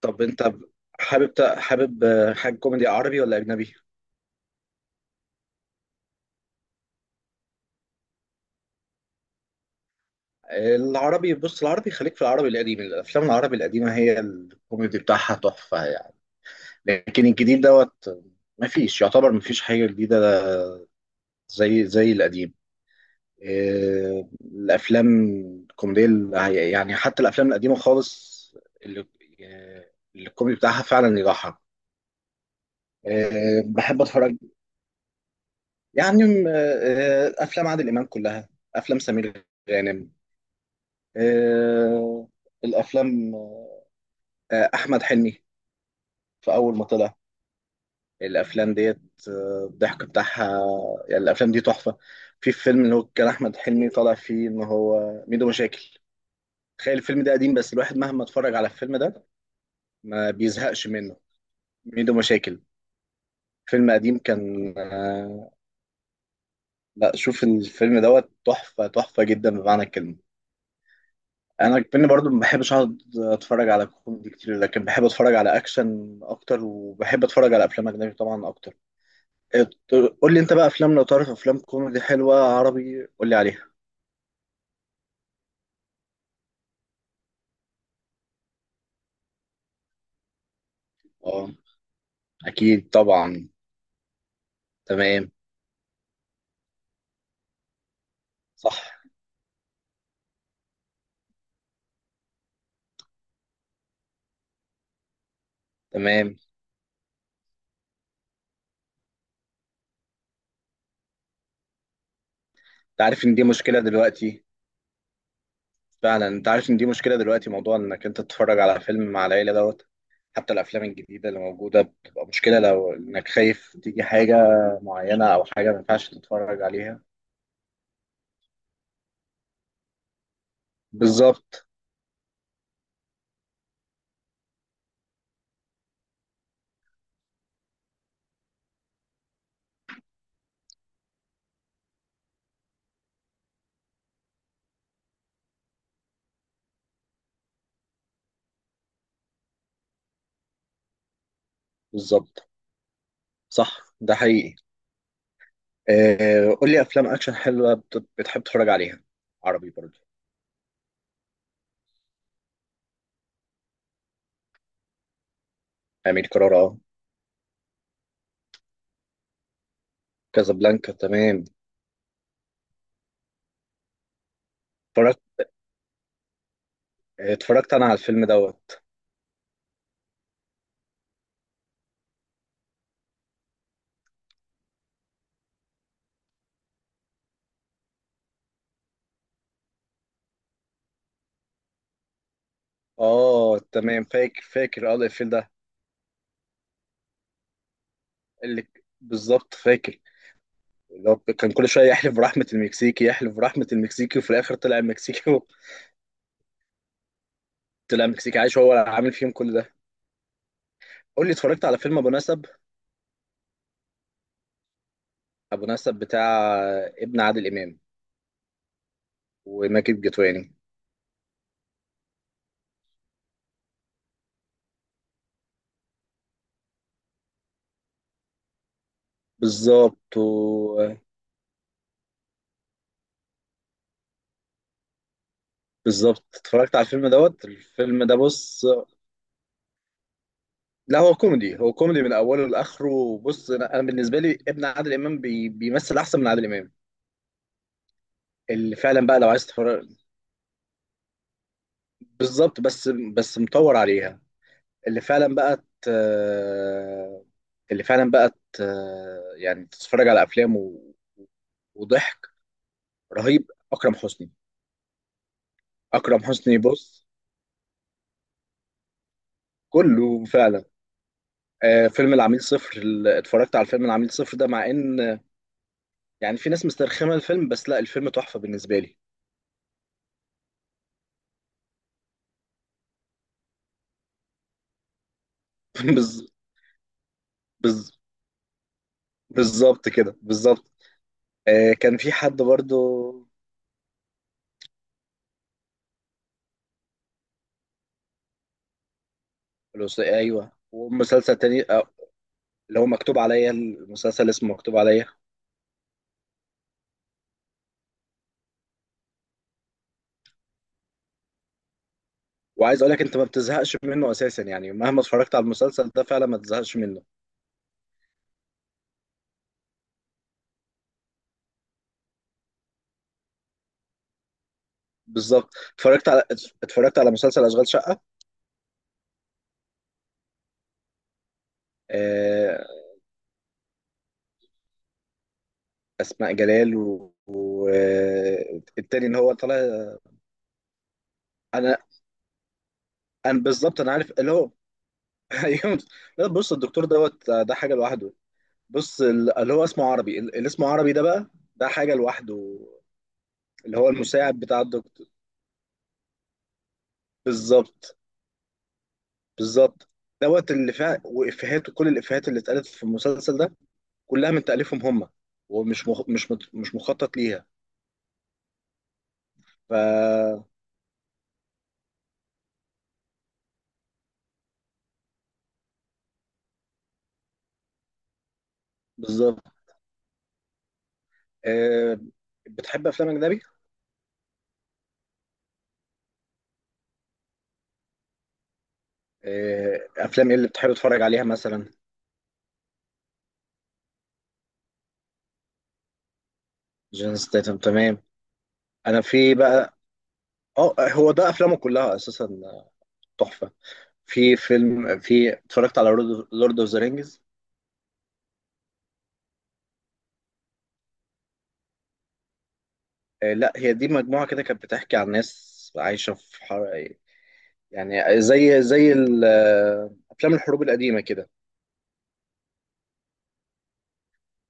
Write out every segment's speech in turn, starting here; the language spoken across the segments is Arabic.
طب انت حابب حاجه كوميدي، عربي ولا اجنبي؟ العربي، بص، العربي خليك في العربي القديم. الافلام العربي القديمه هي الكوميدي بتاعها تحفه يعني. لكن الجديد دوت ما فيش، يعتبر ما فيش حاجه جديده زي القديم. الافلام الكوميديه، يعني حتى الافلام القديمه خالص، اللي اللي الكوميدي بتاعها فعلا يضحك. بحب اتفرج يعني افلام عادل امام كلها، افلام سمير غانم، آه، الافلام، احمد حلمي في اول ما طلع. الافلام ديت، الضحك بتاعها يعني الافلام دي تحفه. في فيلم اللي هو كان احمد حلمي طالع فيه ان هو ميدو مشاكل. تخيل الفيلم ده قديم بس الواحد مهما اتفرج على الفيلم ده ما بيزهقش منه. ميدو مشاكل فيلم قديم كان. لا، شوف الفيلم دوت، تحفه تحفه جدا بمعنى الكلمه. انا كمان برضو ما بحبش اقعد اتفرج على كوميدي كتير، لكن بحب اتفرج على اكشن اكتر، وبحب اتفرج على افلام اجنبي طبعا اكتر. ات- قول لي انت بقى، افلام لو تعرف افلام كوميدي حلوه عربي قول لي عليها. اه، اكيد طبعا. تمام. صح. تمام. انت عارف ان دي مشكله دلوقتي، فعلا. انت عارف ان دي مشكله دلوقتي، موضوع انك انت تتفرج على فيلم مع العيله دوت. حتى الافلام الجديده اللي موجوده بتبقى مشكله، لو انك خايف تيجي حاجه معينه او حاجه ما ينفعش تتفرج عليها. بالظبط. بالظبط. صح، ده حقيقي. آه، قول لي افلام اكشن حلوه بتحب تتفرج عليها، عربي برضه. امير كرارة، اه. كازابلانكا، تمام. اتفرجت اتفرجت انا على الفيلم دوت. اه تمام، فاكر فاكر اه الفيلم ده. اللي بالظبط، فاكر. اللي هو كان كل شويه يحلف برحمه المكسيكي، يحلف برحمه المكسيكي، وفي الاخر طلع المكسيكي طلع المكسيكي عايش، هو اللي عامل فيهم كل ده. قول لي، اتفرجت على فيلم ابو نسب؟ ابو نسب بتاع ابن عادل امام وماجد الكدواني. بالظبط. بالظبط اتفرجت على الفيلم دوت. الفيلم ده، بص، لا هو كوميدي، هو كوميدي من اوله لاخره. بص، أنا بالنسبه لي ابن عادل امام بيمثل احسن من عادل امام. اللي فعلا بقى لو عايز تتفرج. بالظبط، بس بس مطور عليها. اللي فعلا بقى ت... اللي فعلا بقى. يعني تتفرج على افلام وضحك رهيب. اكرم حسني. اكرم حسني، بص، كله فعلا. آه، فيلم العميل صفر، اتفرجت على فيلم العميل صفر ده، مع ان يعني في ناس مسترخمه الفيلم، بس لا، الفيلم تحفه بالنسبه لي. بز... بز... بالظبط كده، بالظبط. آه، كان في حد برضو. ايوه، ومسلسل تاني. اللي هو مكتوب عليا، المسلسل اسمه مكتوب عليا. وعايز اقول لك انت ما بتزهقش منه اساسا، يعني مهما اتفرجت على المسلسل ده فعلا ما تزهقش منه. بالظبط. اتفرجت على مسلسل اشغال شقه. آه. اسماء جلال والتاني. التاني اللي هو طالع. انا انا بالظبط، انا عارف اللي هو. ايوه. لا، بص، الدكتور دوت ده حاجه لوحده. بص، اللي هو اسمه عربي، اللي اسمه عربي ده بقى ده حاجه لوحده. اللي هو المساعد بتاع الدكتور. بالظبط. بالظبط. دوت اللي فيها وافيهات، وكل الافيهات اللي اتقالت في المسلسل ده كلها من تاليفهم هم، ومش مخ... مش مت... مش مخطط ليها. ف بالظبط. آه... بتحب افلام اجنبي؟ افلام ايه اللي بتحب تتفرج عليها مثلا؟ جون ستيتم، تمام. انا في بقى اه، هو ده افلامه كلها اساسا تحفه. في اتفرجت على لورد اوف ذا رينجز. لا، هي دي مجموعة كده كانت بتحكي عن ناس عايشة يعني زي أفلام الحروب القديمة كده.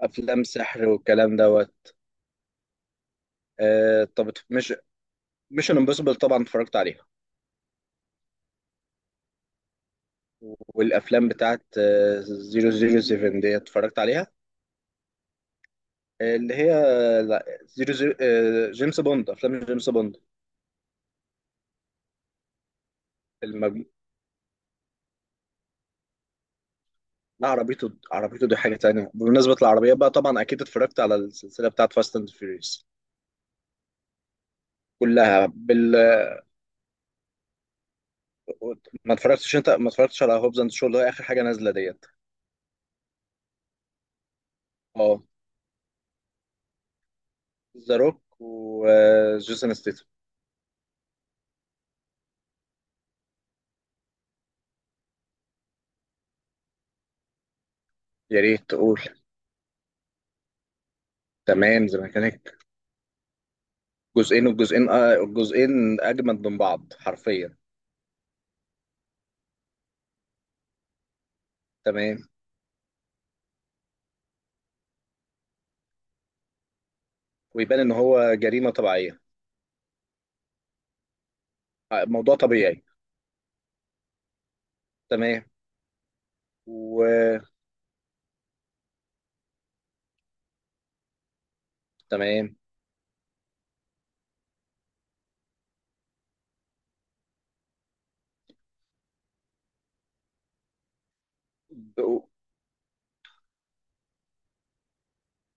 أفلام سحر والكلام دوت. طب، مش ميشن امبوسيبل طبعا اتفرجت عليها. والأفلام بتاعت 007 دي اتفرجت عليها. اللي هي لا، زيرو زيرو جيمس بوند. أفلام جيمس بوند. لا، عربيته، عربيته دي حاجة تانية. بمناسبة العربية بقى، طبعا أكيد اتفرجت على السلسلة بتاعت فاست أند فيوريوس. كلها. ما اتفرجتش؟ أنت ما اتفرجتش على هوبز أند شو اللي هي آخر حاجة نازلة ديت؟ اه، ذا روك وجيسون ستيتم. يا ريت تقول. تمام، زي ما كانت جزئين. والجزئين آه، الجزئين أجمد من بعض حرفيا. تمام. ويبان إن هو جريمة طبيعية، موضوع طبيعي. تمام. وتمام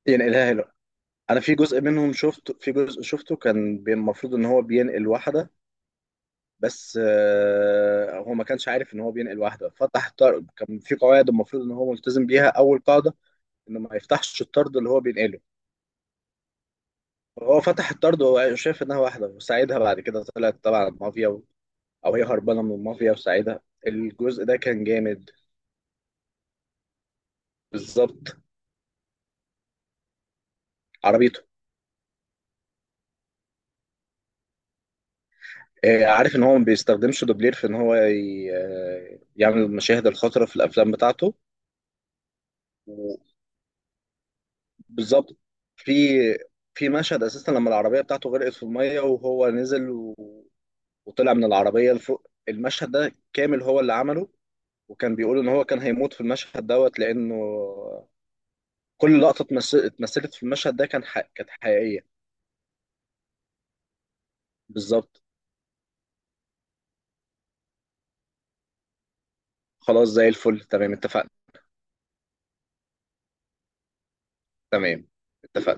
يعني. لا، انا في جزء شفته كان المفروض ان هو بينقل واحده. بس هو ما كانش عارف ان هو بينقل واحده، فتح طرد. كان في قواعد المفروض ان هو ملتزم بيها، اول قاعده انه ما يفتحش الطرد اللي هو بينقله. هو فتح الطرد وهو شايف انها واحده وساعدها، بعد كده طلعت تبع المافيا، او هي هربانه من المافيا وساعدها. الجزء ده كان جامد. بالظبط. عربيته. عارف ان هو ما بيستخدمش دوبلير في ان هو يعمل المشاهد الخطره في الافلام بتاعته. بالظبط. في في مشهد اساسا لما العربيه بتاعته غرقت في الميه وهو نزل وطلع من العربيه لفوق. المشهد ده كامل هو اللي عمله. وكان بيقول ان هو كان هيموت في المشهد دوت، لانه كل لقطه اتمثلت في المشهد ده كانت حقيقيه. بالظبط. خلاص، زي الفل، تمام، اتفقنا. تمام، اتفقنا.